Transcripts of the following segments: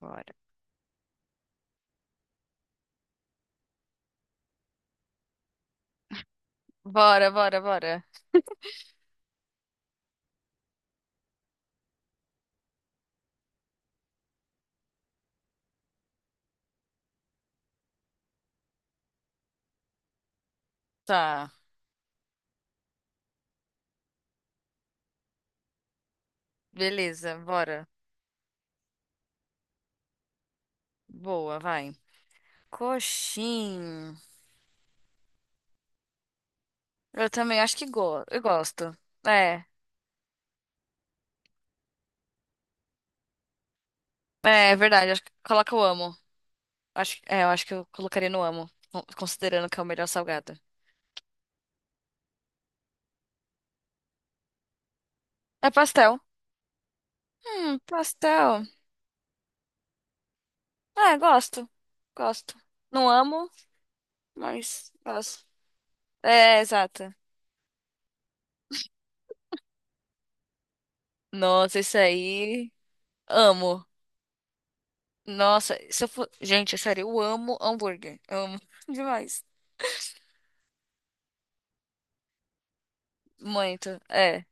Bora. Bora, bora, bora. Tá. Beleza, bora. Boa, vai. Coxim. Eu também acho que go eu gosto. É. É, é verdade. Acho que coloca o amo. Acho, é, eu acho que eu colocaria no amo, considerando que é o melhor salgado. É pastel. Pastel. É, gosto. Gosto. Não amo, mas gosto. É, exato. Nossa, isso aí. Amo. Nossa, se eu for... Gente, é sério, eu amo hambúrguer. Amo demais. Muito. É.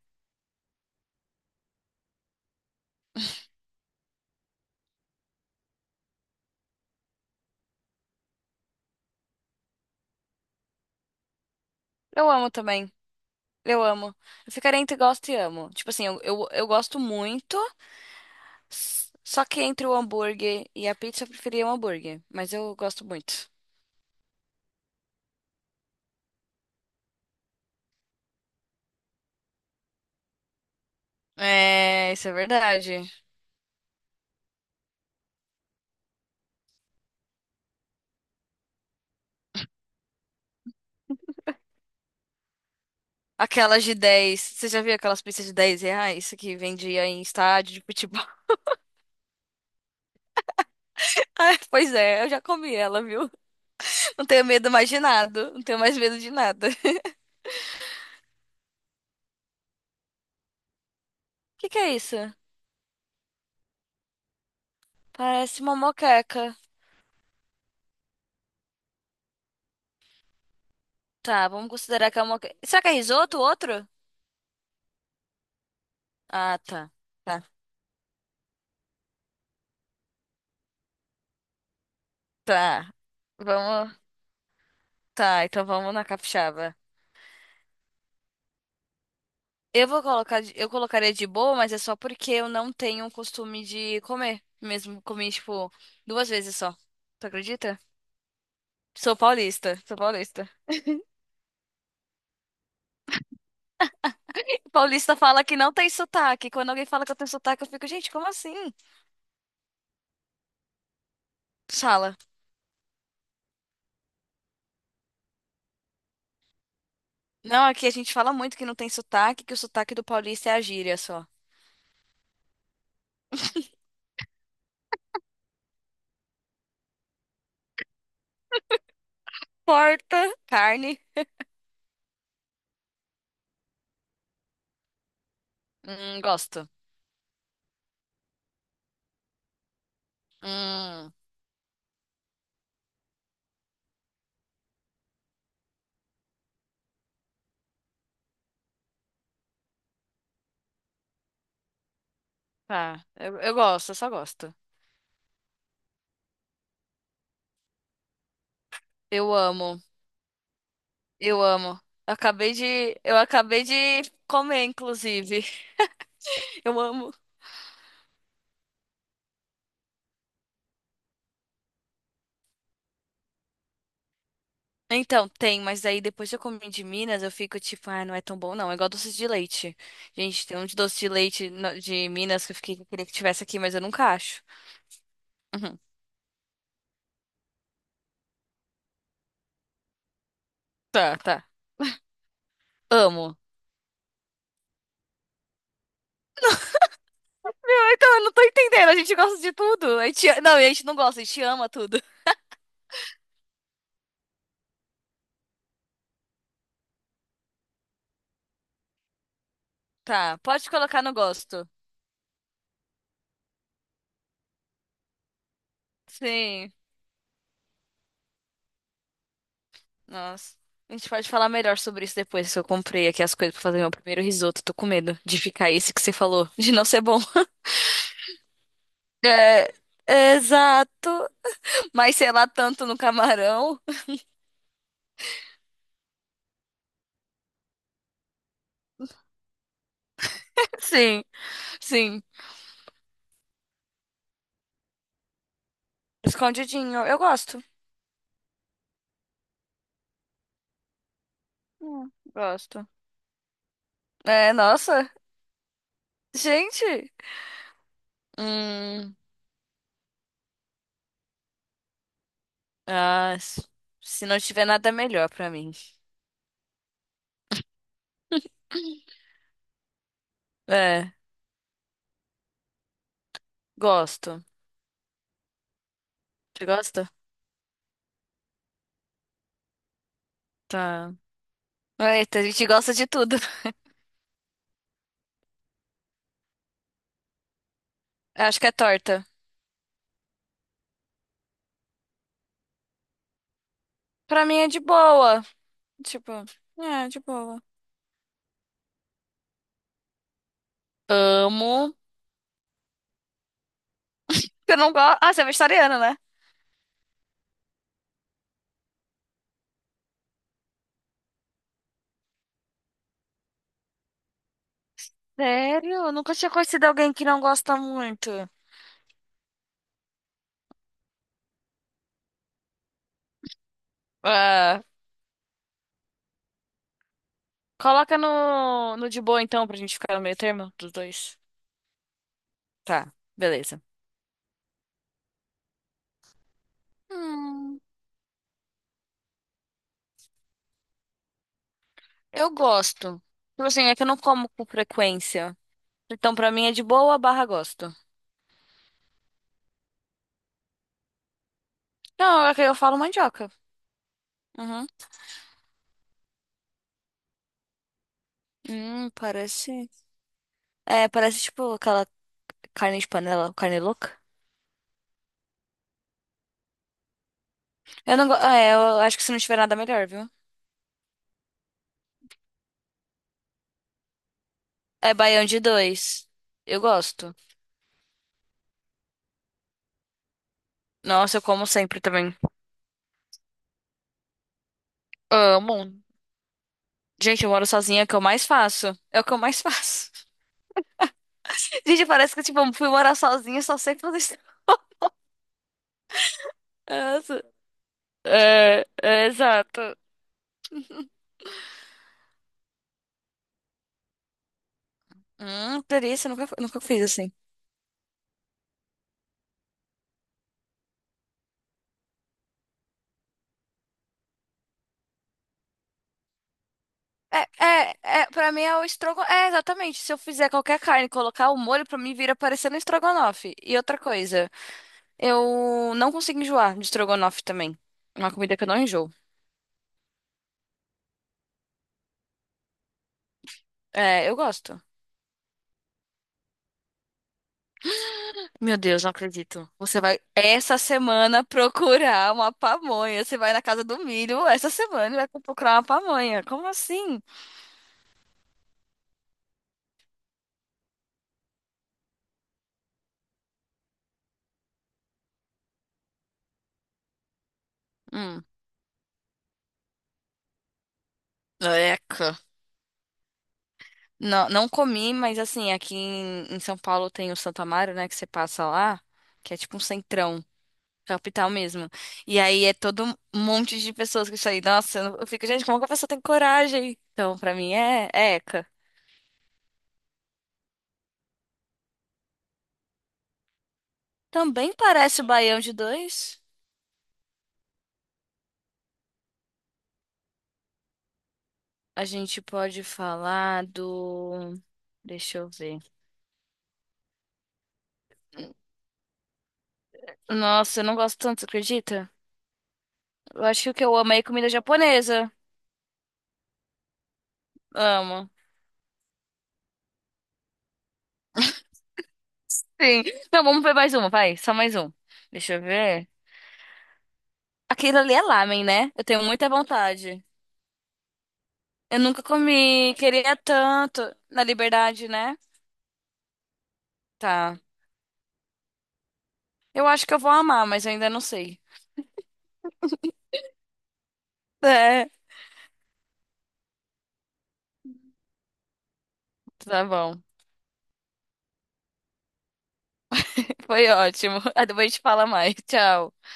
Eu amo também. Eu amo. Eu ficaria entre gosto e amo. Tipo assim, eu gosto muito, só que entre o hambúrguer e a pizza eu preferia o hambúrguer. Mas eu gosto muito. É, isso é verdade. Aquelas de dez Você já viu aquelas pizzas de R$ 10 que vendia em estádio de futebol? Ah, pois é, eu já comi ela, viu? Não tenho medo mais de nada. Não tenho mais medo de nada. O que que é isso? Parece uma moqueca. Tá, vamos considerar que é uma moqueca. Será que é risoto outro? Ah, tá. Tá. Tá. Vamos. Tá, então vamos na capixaba. Eu vou colocar, eu colocaria de boa, mas é só porque eu não tenho o costume de comer. Mesmo comi, tipo, duas vezes só. Tu acredita? Sou paulista, sou paulista. Paulista fala que não tem sotaque. Quando alguém fala que eu tenho sotaque, eu fico, gente, como assim? Fala. Não, aqui a gente fala muito que não tem sotaque, que o sotaque do paulista é a gíria só. Porta, carne. Gosto. Hum, tá. Eu gosto, eu só gosto. Eu amo, eu amo. Eu acabei de comer, inclusive. Eu amo. Então, tem, mas aí depois que eu comi de Minas, eu fico tipo, ah, não é tão bom, não. É igual doce de leite. Gente, tem um de doce de leite de Minas que eu fiquei, queria que tivesse aqui, mas eu nunca acho. Uhum. Tá, tá. Amo. Ah, então, eu não tô entendendo. A gente gosta de tudo. A gente não gosta, a gente ama tudo. Tá, pode colocar no gosto. Sim. Nossa. A gente pode falar melhor sobre isso depois, que eu comprei aqui as coisas pra fazer meu primeiro risoto. Tô com medo de ficar esse que você falou, de não ser bom. Exato. Mas sei lá tanto no camarão. Sim, sim. Escondidinho. Eu gosto. Gosto. É, nossa. Gente. Hum. Ah, se não tiver nada melhor pra mim. É, gosto. Você gosta? Tá. Eita, a gente gosta de tudo. Acho que é torta. Pra mim é de boa. Tipo, é, de boa. Amo. Eu não gosto. Ah, você é vegetariana, né? Sério? Eu nunca tinha conhecido alguém que não gosta muito. Ah, coloca no, no de boa, então, pra gente ficar no meio termo dos dois. Tá, beleza. Hum, Eu gosto. Tipo assim, é que eu não como com frequência. Então, pra mim é de boa barra gosto. Não, é que eu falo mandioca. Uhum. Hum, parece. É, parece tipo aquela carne de panela, carne louca. Eu não go... É, eu acho que se não tiver nada melhor, viu? É baião de dois. Eu gosto. Nossa, eu como sempre também. Amo. Gente, eu moro sozinha, é o que eu mais faço. É o que eu mais faço. Gente, parece que, tipo, eu fui morar sozinha, só sei fazer isso. Nossa. É, é, exato. Delícia, nunca fiz assim. É, pra mim é o é, exatamente. Se eu fizer qualquer carne, e colocar o molho, pra mim vira parecendo um estrogonofe. E outra coisa, eu não consigo enjoar de estrogonofe também. É uma comida que eu não enjoo. É, eu gosto. Meu Deus, não acredito. Você vai essa semana procurar uma pamonha. Você vai na casa do milho essa semana e vai procurar uma pamonha. Como assim? Hum, eca. Não, não comi, mas assim, aqui em São Paulo tem o Santo Amaro, né? Que você passa lá, que é tipo um centrão, capital mesmo. E aí é todo um monte de pessoas que isso aí. Nossa, eu, não- eu fico, gente, como que a pessoa tem coragem? Então, pra mim é, é eca. Também parece o baião de dois. A gente pode falar do. Deixa eu ver. Nossa, eu não gosto tanto, você acredita? Eu acho que o que eu amo é comida japonesa. Amo. Sim. Não, vamos ver mais uma, vai. Só mais um. Deixa eu ver. Aquilo ali é lamen, né? Eu tenho muita vontade. Eu nunca comi, queria tanto. Na liberdade, né? Tá. Eu acho que eu vou amar, mas eu ainda não sei. É. Tá bom. Foi ótimo. Aí depois a gente fala mais. Tchau.